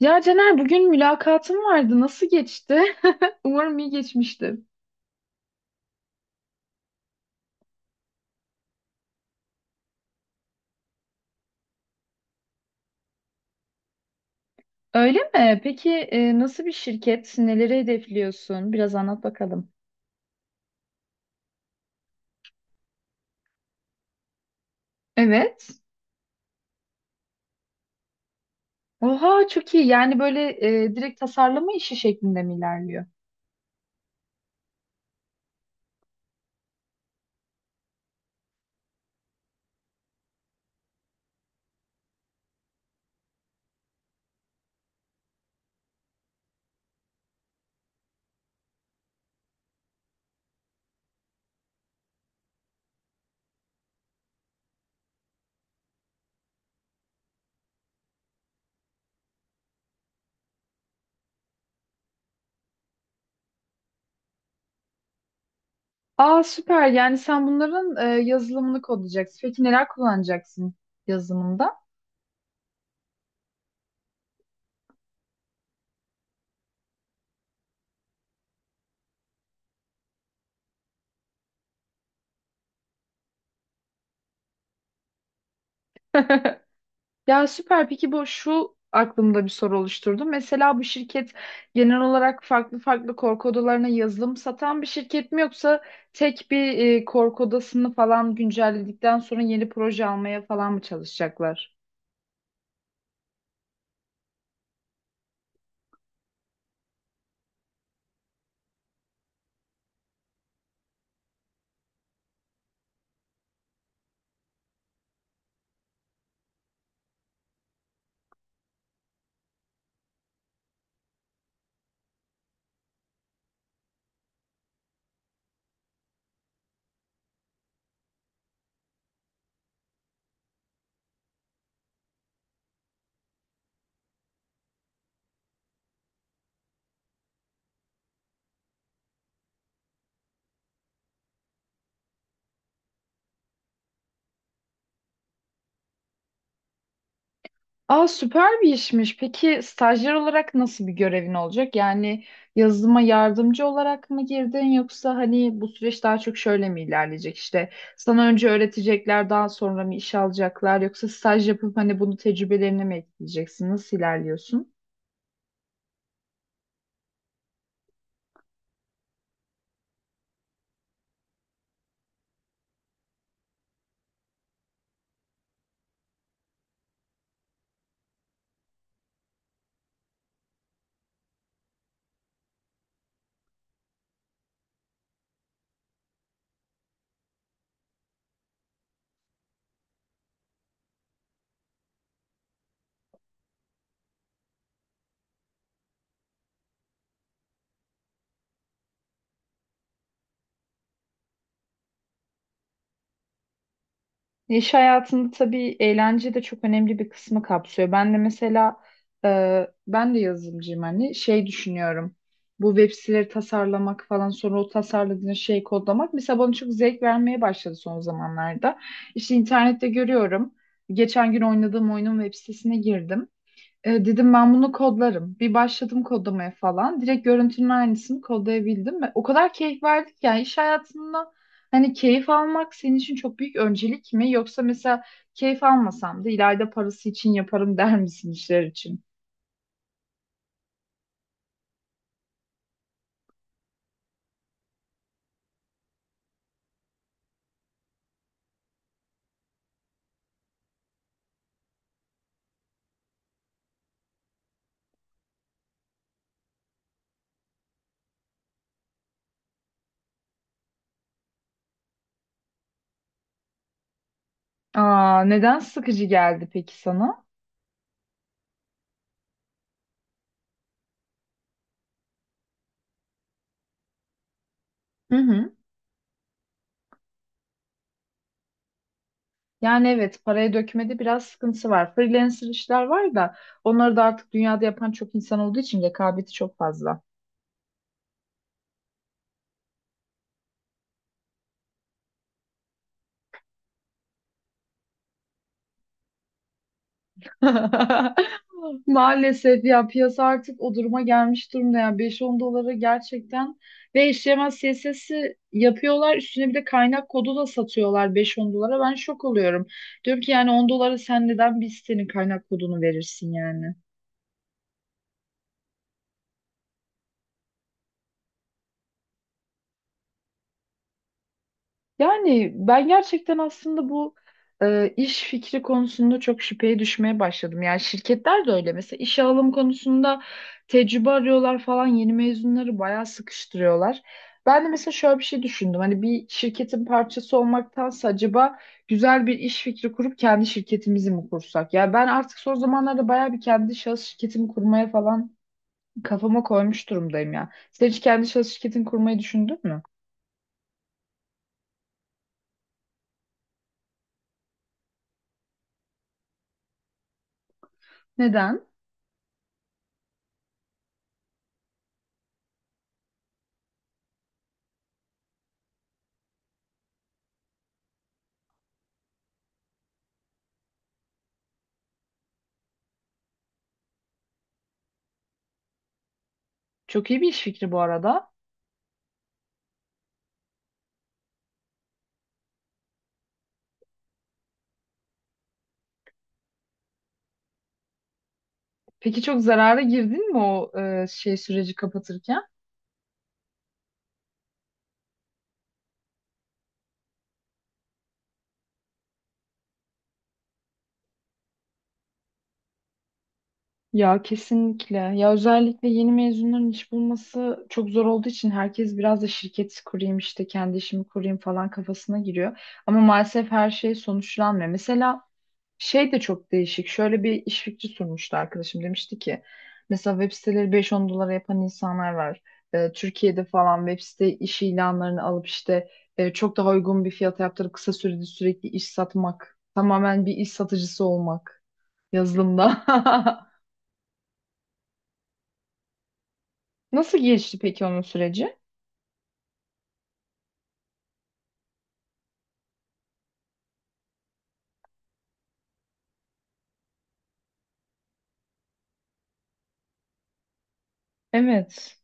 Ya Caner bugün mülakatım vardı. Nasıl geçti? Umarım iyi geçmiştir. Öyle mi? Peki nasıl bir şirket? Neleri hedefliyorsun? Biraz anlat bakalım. Evet. Oha çok iyi. Yani böyle direkt tasarlama işi şeklinde mi ilerliyor? Aa süper. Yani sen bunların yazılımını kodlayacaksın. Peki neler kullanacaksın yazılımında? Ya süper. Peki bu şu aklımda bir soru oluşturdu. Mesela bu şirket genel olarak farklı farklı korku odalarına yazılım satan bir şirket mi yoksa tek bir korku odasını falan güncelledikten sonra yeni proje almaya falan mı çalışacaklar? Aa, süper bir işmiş. Peki stajyer olarak nasıl bir görevin olacak? Yani yazılıma yardımcı olarak mı girdin yoksa hani bu süreç daha çok şöyle mi ilerleyecek? İşte sana önce öğretecekler, daha sonra mı iş alacaklar yoksa staj yapıp hani bunu tecrübelerine mi ekleyeceksin? Nasıl ilerliyorsun? İş hayatında tabii eğlence de çok önemli bir kısmı kapsıyor. Ben de mesela ben de yazılımcıyım hani şey düşünüyorum. Bu web siteleri tasarlamak falan sonra o tasarladığın şeyi kodlamak mesela bana çok zevk vermeye başladı son zamanlarda. İşte internette görüyorum. Geçen gün oynadığım oyunun web sitesine girdim. Dedim ben bunu kodlarım. Bir başladım kodlamaya falan. Direkt görüntünün aynısını kodlayabildim ve o kadar keyif verdik ki yani iş hayatında hani keyif almak senin için çok büyük öncelik mi yoksa mesela keyif almasam da ileride parası için yaparım der misin işler için? Aa, neden sıkıcı geldi peki sana? Hı hı. Yani evet, paraya dökmede biraz sıkıntısı var. Freelancer işler var da onları da artık dünyada yapan çok insan olduğu için rekabeti çok fazla. Maalesef ya, piyasa artık o duruma gelmiş durumda ya, beş on dolara gerçekten ve eşleşmez CSS'i yapıyorlar, üstüne bir de kaynak kodu da satıyorlar beş on dolara, ben şok oluyorum. Diyorum ki yani 10 dolara sen neden biz senin kaynak kodunu verirsin yani. Yani ben gerçekten aslında bu iş fikri konusunda çok şüpheye düşmeye başladım. Yani şirketler de öyle. Mesela işe alım konusunda tecrübe arıyorlar falan. Yeni mezunları bayağı sıkıştırıyorlar. Ben de mesela şöyle bir şey düşündüm. Hani bir şirketin parçası olmaktansa acaba güzel bir iş fikri kurup kendi şirketimizi mi kursak? Ya ben artık son zamanlarda bayağı bir kendi şahıs şirketimi kurmaya falan kafama koymuş durumdayım ya. Sen hiç kendi şahıs şirketini kurmayı düşündün mü? Neden? Çok iyi bir iş fikri bu arada. Peki çok zarara girdin mi o şey süreci kapatırken? Ya kesinlikle. Ya özellikle yeni mezunların iş bulması çok zor olduğu için herkes biraz da şirket kurayım işte kendi işimi kurayım falan kafasına giriyor. Ama maalesef her şey sonuçlanmıyor. Mesela şey de çok değişik. Şöyle bir iş fikri sunmuştu arkadaşım. Demişti ki mesela web siteleri 5-10 dolara yapan insanlar var. Türkiye'de falan web site iş ilanlarını alıp işte çok daha uygun bir fiyata yaptırıp kısa sürede sürekli iş satmak. Tamamen bir iş satıcısı olmak yazılımda. Nasıl gelişti peki onun süreci? Evet.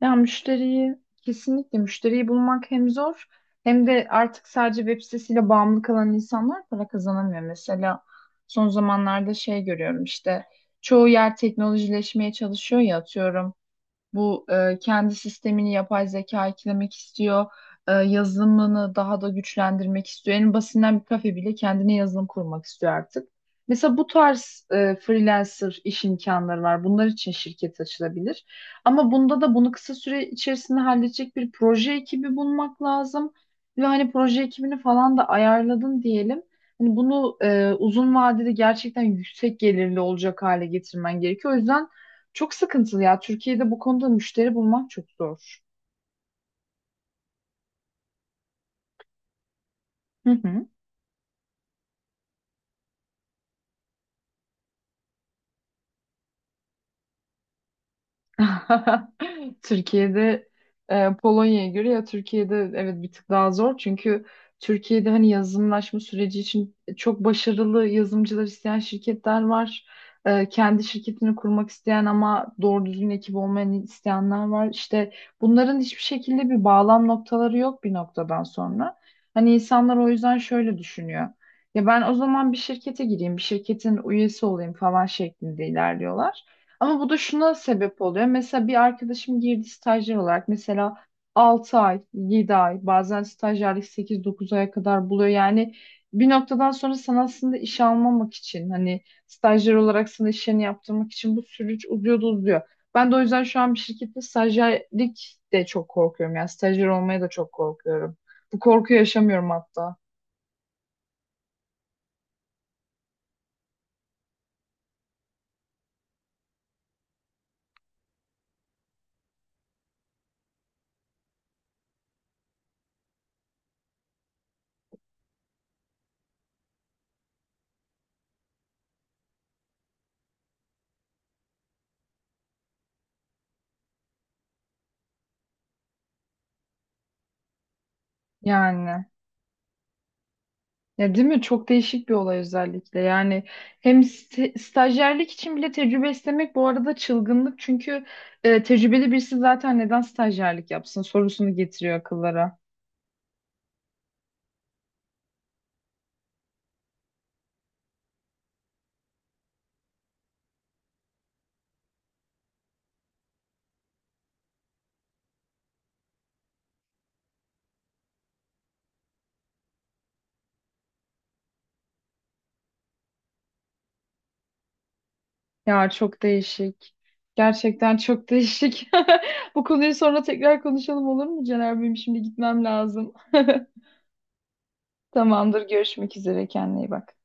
Ya müşteriyi, kesinlikle müşteriyi bulmak hem zor hem de artık sadece web sitesiyle bağımlı kalan insanlar para kazanamıyor. Mesela son zamanlarda şey görüyorum, işte çoğu yer teknolojileşmeye çalışıyor ya, atıyorum. Bu kendi sistemini yapay zeka eklemek istiyor. Yazılımını daha da güçlendirmek istiyor. En basitinden bir kafe bile kendine yazılım kurmak istiyor artık. Mesela bu tarz freelancer iş imkanları var. Bunlar için şirket açılabilir. Ama bunda da bunu kısa süre içerisinde halledecek bir proje ekibi bulmak lazım. Ve hani proje ekibini falan da ayarladın diyelim. Hani bunu uzun vadede gerçekten yüksek gelirli olacak hale getirmen gerekiyor. O yüzden çok sıkıntılı ya. Türkiye'de bu konuda müşteri bulmak çok zor. Hı hı. Türkiye'de Polonya'ya göre ya Türkiye'de evet bir tık daha zor, çünkü Türkiye'de hani yazılımlaşma süreci için çok başarılı yazılımcılar isteyen şirketler var. Kendi şirketini kurmak isteyen ama doğru düzgün ekip olmayan isteyenler var. İşte bunların hiçbir şekilde bir bağlam noktaları yok bir noktadan sonra. Hani insanlar o yüzden şöyle düşünüyor. Ya ben o zaman bir şirkete gireyim, bir şirketin üyesi olayım falan şeklinde ilerliyorlar. Ama bu da şuna sebep oluyor. Mesela bir arkadaşım girdi stajyer olarak. Mesela 6 ay, 7 ay, bazen stajyerlik sekiz, dokuz aya kadar buluyor. Yani bir noktadan sonra sana aslında iş almamak için, hani stajyer olarak sana işlerini yaptırmak için bu süreç uzuyor. Ben de o yüzden şu an bir şirkette stajyerlik de çok korkuyorum. Yani stajyer olmaya da çok korkuyorum. Bu korkuyu yaşamıyorum hatta. Yani. Ya değil mi? Çok değişik bir olay özellikle. Yani hem stajyerlik için bile tecrübe istemek bu arada çılgınlık. Çünkü tecrübeli birisi zaten neden stajyerlik yapsın sorusunu getiriyor akıllara. Ya çok değişik. Gerçekten çok değişik. Bu konuyu sonra tekrar konuşalım olur mu Caner? Benim şimdi gitmem lazım. Tamamdır. Görüşmek üzere. Kendine iyi bak.